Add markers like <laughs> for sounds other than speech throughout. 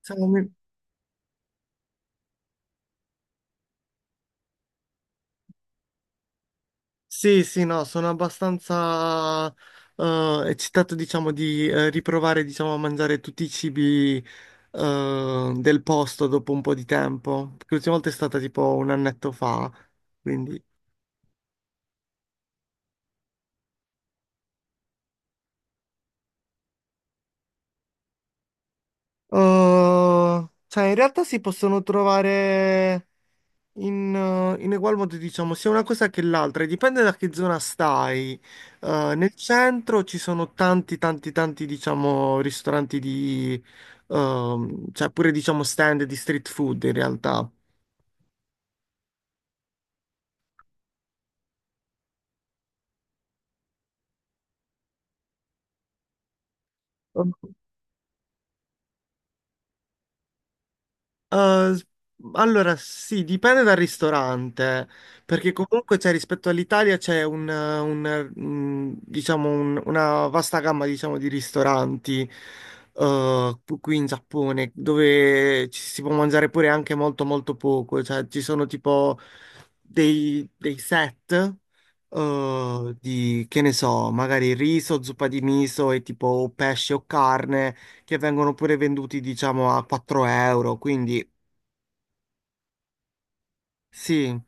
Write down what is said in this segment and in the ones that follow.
Siamo- Sì, sì, no, sono abbastanza eccitato, diciamo, di riprovare, diciamo, a mangiare tutti i cibi del posto dopo un po' di tempo. Perché l'ultima volta è stata tipo un annetto fa, quindi. Cioè, in realtà si possono trovare in egual modo, diciamo, sia una cosa che l'altra, e dipende da che zona stai. Nel centro ci sono tanti, tanti, tanti, diciamo, ristoranti di, cioè pure, diciamo, stand di street food in realtà. Uh, s- allora, sì, dipende dal ristorante, perché comunque c'è rispetto all'Italia c'è diciamo una vasta gamma, diciamo, di ristoranti qui in Giappone, dove ci si può mangiare pure anche molto molto poco, cioè ci sono tipo dei set di, che ne so, magari riso, zuppa di miso e tipo pesce o carne che vengono pure venduti, diciamo, a 4 euro. Quindi sì,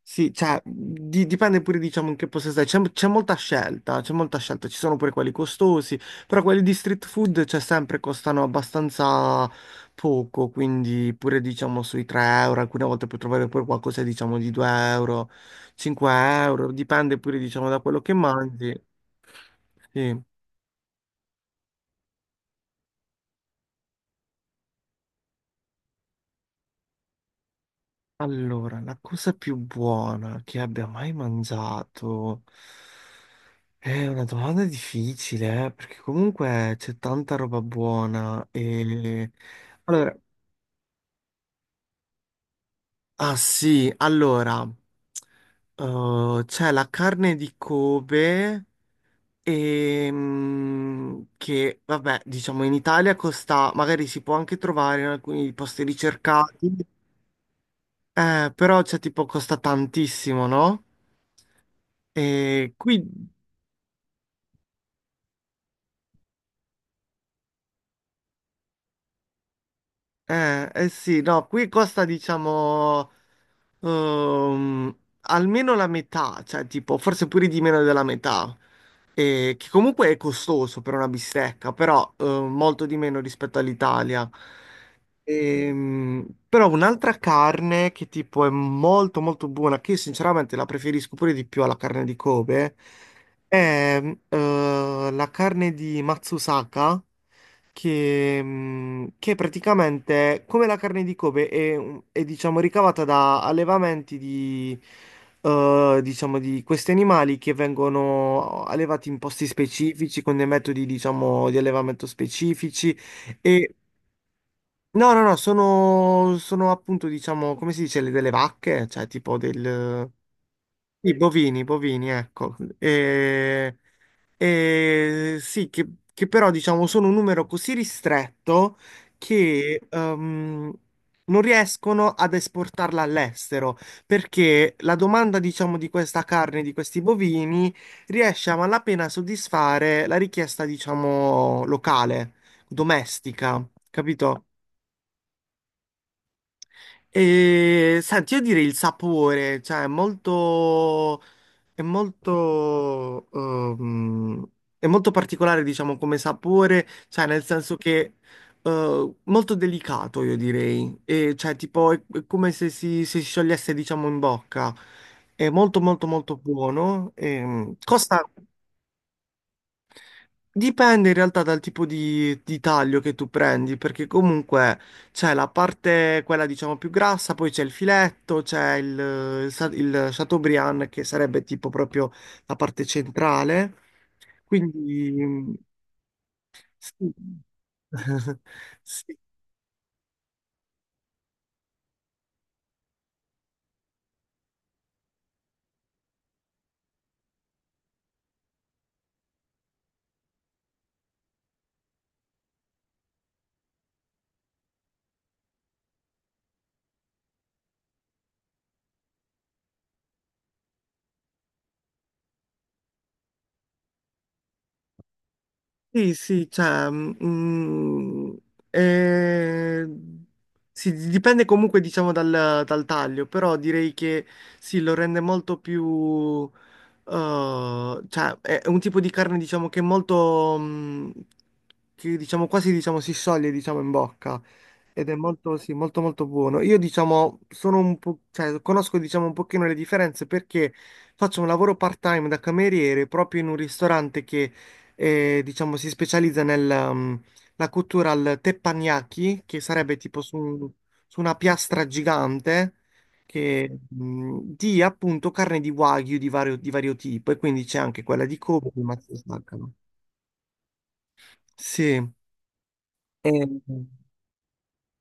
sì, cioè, dipende pure, diciamo, in che posto stai. C'è molta scelta, c'è molta scelta. Ci sono pure quelli costosi, però quelli di street food, cioè, sempre costano abbastanza poco. Quindi pure, diciamo, sui 3 euro. Alcune volte puoi trovare pure qualcosa, diciamo, di 2 euro, 5 euro. Dipende pure, diciamo, da quello che mangi. Sì. Allora, la cosa più buona che abbia mai mangiato è una domanda difficile, perché comunque c'è tanta roba buona. Allora, ah sì, allora, c'è la carne di Kobe e, che, vabbè, diciamo in Italia costa, magari si può anche trovare in alcuni posti ricercati, però c'è tipo costa tantissimo, no? E qui eh sì, no, qui costa diciamo ehm, almeno la metà, cioè tipo forse pure di meno della metà, che comunque è costoso per una bistecca, però molto di meno rispetto all'Italia. Però un'altra carne che tipo è molto molto buona, che io sinceramente la preferisco pure di più alla carne di Kobe, è la carne di Matsusaka che praticamente, come la carne di Kobe, è diciamo ricavata da allevamenti di, diciamo, di questi animali che vengono allevati in posti specifici, con dei metodi, diciamo, di allevamento specifici. E no, no, no, sono, sono appunto, diciamo, come si dice, delle vacche, cioè tipo del. I bovini, bovini, ecco. E, sì, che però diciamo sono un numero così ristretto che non riescono ad esportarla all'estero perché la domanda, diciamo, di questa carne, di questi bovini, riesce a malapena a soddisfare la richiesta, diciamo, locale, domestica, capito? E senti, io direi il sapore, cioè è molto, è molto, è molto particolare, diciamo, come sapore, cioè nel senso che molto delicato, io direi, e, cioè tipo è come se si sciogliesse, diciamo, in bocca, è molto molto molto buono, costa Dipende in realtà dal tipo di taglio che tu prendi, perché comunque c'è la parte, quella diciamo più grassa, poi c'è il filetto, c'è il Chateaubriand che sarebbe tipo proprio la parte centrale. Quindi sì. <laughs> Sì, Sì, sì, cioè, eh, sì, dipende comunque diciamo dal taglio, però direi che sì, lo rende molto più, cioè è un tipo di carne diciamo che è molto, che diciamo quasi diciamo si scioglie diciamo in bocca ed è molto, sì, molto molto buono. Io diciamo sono un po', cioè conosco diciamo un pochino le differenze perché faccio un lavoro part-time da cameriere proprio in un ristorante che e diciamo si specializza nella cottura al teppanyaki, che sarebbe tipo su, una piastra gigante che, di appunto carne di wagyu di vario, tipo e quindi c'è anche quella di Kobe, ma si staccano. Sì. E-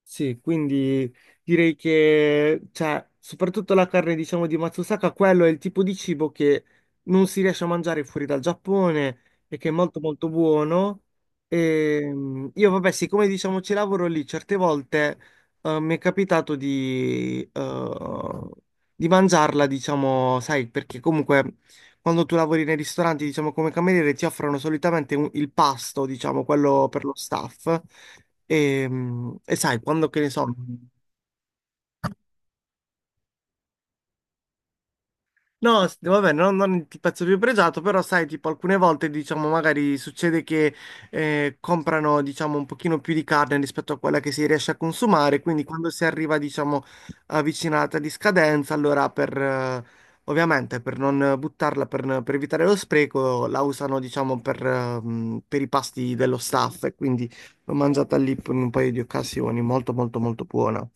Sì, quindi direi che, cioè, soprattutto la carne, diciamo, di Matsusaka, quello è il tipo di cibo che non si riesce a mangiare fuori dal Giappone e che è molto molto buono. E, io, vabbè, siccome diciamo ci lavoro lì, certe volte mi è capitato di, di mangiarla, diciamo, sai, perché comunque quando tu lavori nei ristoranti, diciamo, come cameriere, ti offrono solitamente il pasto, diciamo, quello per lo staff. E sai, quando che ne so, no, vabbè, non il pezzo più pregiato, però sai, tipo alcune volte, diciamo, magari succede che comprano, diciamo, un pochino più di carne rispetto a quella che si riesce a consumare, quindi quando si arriva, diciamo, avvicinata di scadenza, allora per, ovviamente, per non buttarla, per, evitare lo spreco, la usano, diciamo, per i pasti dello staff e quindi l'ho mangiata lì in un paio di occasioni, molto, molto, molto buona.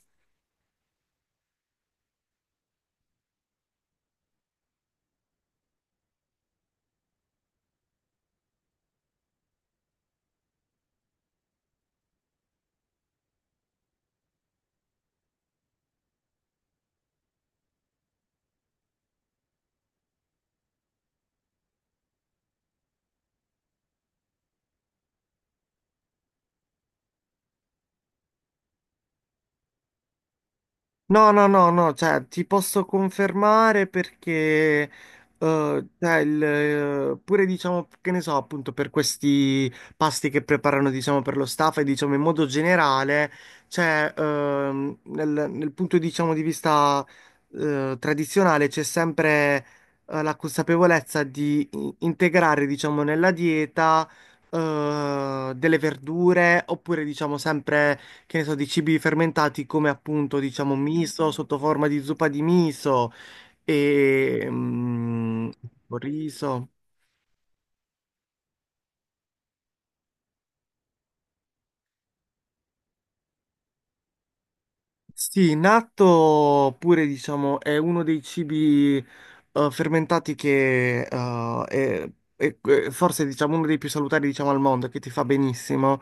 No, no, no, no, cioè ti posso confermare perché cioè, pure diciamo che ne so, appunto per questi pasti che preparano diciamo per lo staff e diciamo in modo generale, cioè nel, punto diciamo di vista tradizionale c'è sempre la consapevolezza di integrare diciamo nella dieta delle verdure oppure diciamo sempre che ne so, di cibi fermentati come appunto, diciamo, miso sotto forma di zuppa di miso e riso. Sì, natto pure diciamo è uno dei cibi fermentati che è forse diciamo uno dei più salutari diciamo al mondo, che ti fa benissimo,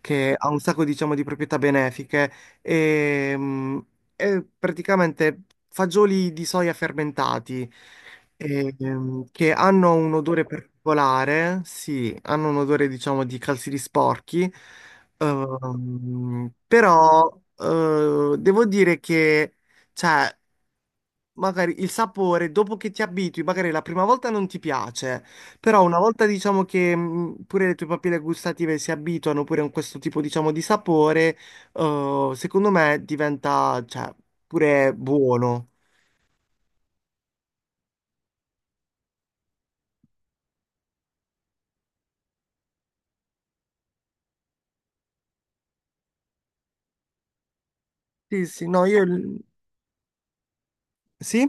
che ha un sacco diciamo di proprietà benefiche e, è praticamente fagioli di soia fermentati e, che hanno un odore particolare, sì, hanno un odore diciamo di calzini sporchi. Però devo dire che, cioè, magari il sapore, dopo che ti abitui, magari la prima volta non ti piace, però una volta diciamo che pure le tue papille gustative si abituano pure a questo tipo, diciamo, di sapore, secondo me diventa, cioè, pure buono. Sì, sì, no, io. Sì?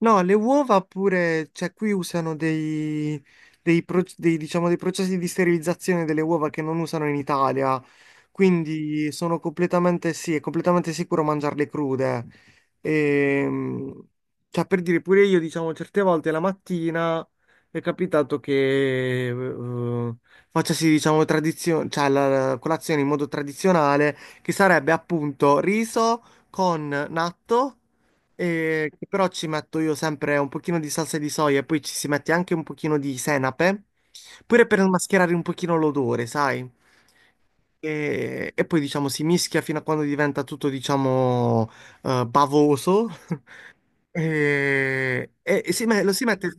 No, le uova pure, cioè qui usano dei, diciamo, dei processi di sterilizzazione delle uova che non usano in Italia, quindi sono completamente, sì, è completamente sicuro mangiarle crude. Ehm, cioè, per dire, pure io, diciamo, certe volte la mattina è capitato che facessi, diciamo, cioè, la colazione in modo tradizionale, che sarebbe appunto riso con natto che però ci metto io sempre un pochino di salsa di soia e poi ci si mette anche un pochino di senape, pure per mascherare un pochino l'odore, sai? E poi diciamo si mischia fino a quando diventa tutto diciamo bavoso <laughs> e, e lo si mette.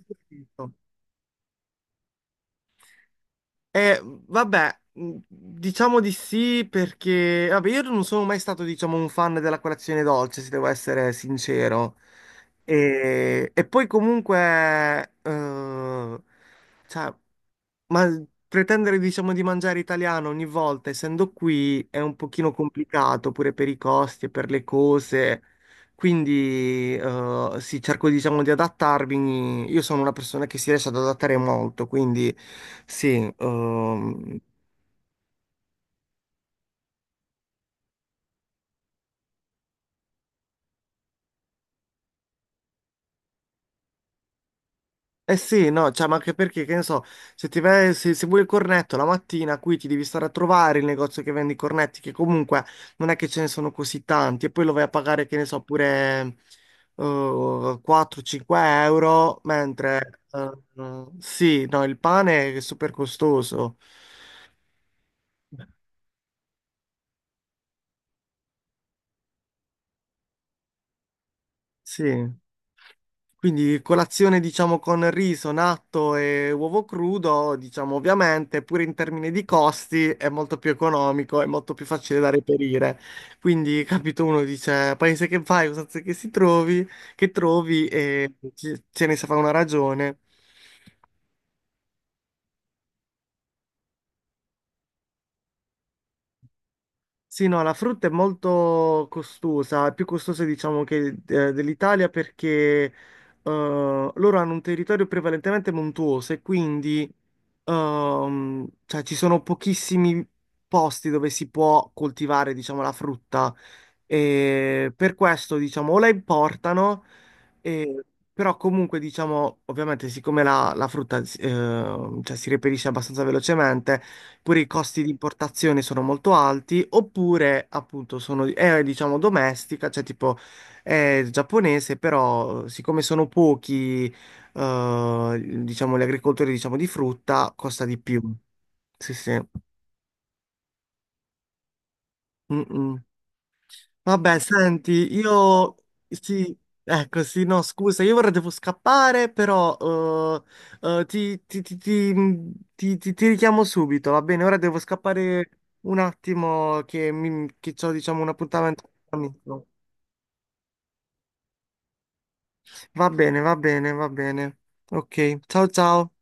Vabbè, diciamo di sì perché, vabbè, io non sono mai stato, diciamo, un fan della colazione dolce, se devo essere sincero. E poi comunque, eh, cioè, ma pretendere, diciamo, di mangiare italiano ogni volta, essendo qui, è un pochino complicato pure per i costi e per le cose. Quindi, sì, cerco, diciamo, di adattarmi. Io sono una persona che si riesce ad adattare molto, quindi sì. Eh sì, no, cioè, ma anche perché, che ne so, se, ti vai- se, se vuoi il cornetto la mattina, qui ti devi stare a trovare il negozio che vende i cornetti, che comunque non è che ce ne sono così tanti, e poi lo vai a pagare, che ne so, pure 4-5 euro, mentre sì, no, il pane è super costoso. Sì. Quindi colazione diciamo con riso, natto e uovo crudo, diciamo ovviamente, pure in termini di costi è molto più economico, è molto più facile da reperire. Quindi, <laughs> capito, uno dice paese che vai, usanze che si trovi, che trovi e ce ne si fa una ragione. Sì, no, la frutta è molto costosa, è più costosa diciamo che dell'Italia perché eh, loro hanno un territorio prevalentemente montuoso e quindi cioè, ci sono pochissimi posti dove si può coltivare diciamo la frutta e per questo diciamo o la importano e- però comunque diciamo ovviamente siccome la, la frutta cioè, si reperisce abbastanza velocemente oppure i costi di importazione sono molto alti, oppure appunto sono, è diciamo domestica, cioè tipo è giapponese, però siccome sono pochi, diciamo gli agricoltori diciamo di frutta, costa di più. Sì, sì. Mm, mm. Vabbè, senti, io sì, ecco, sì, no, scusa, io ora devo scappare, però ti richiamo subito, va bene? Ora devo scappare un attimo che, mi, che ho, diciamo, un appuntamento con un amico. Va bene, va bene, va bene. Ok, ciao ciao.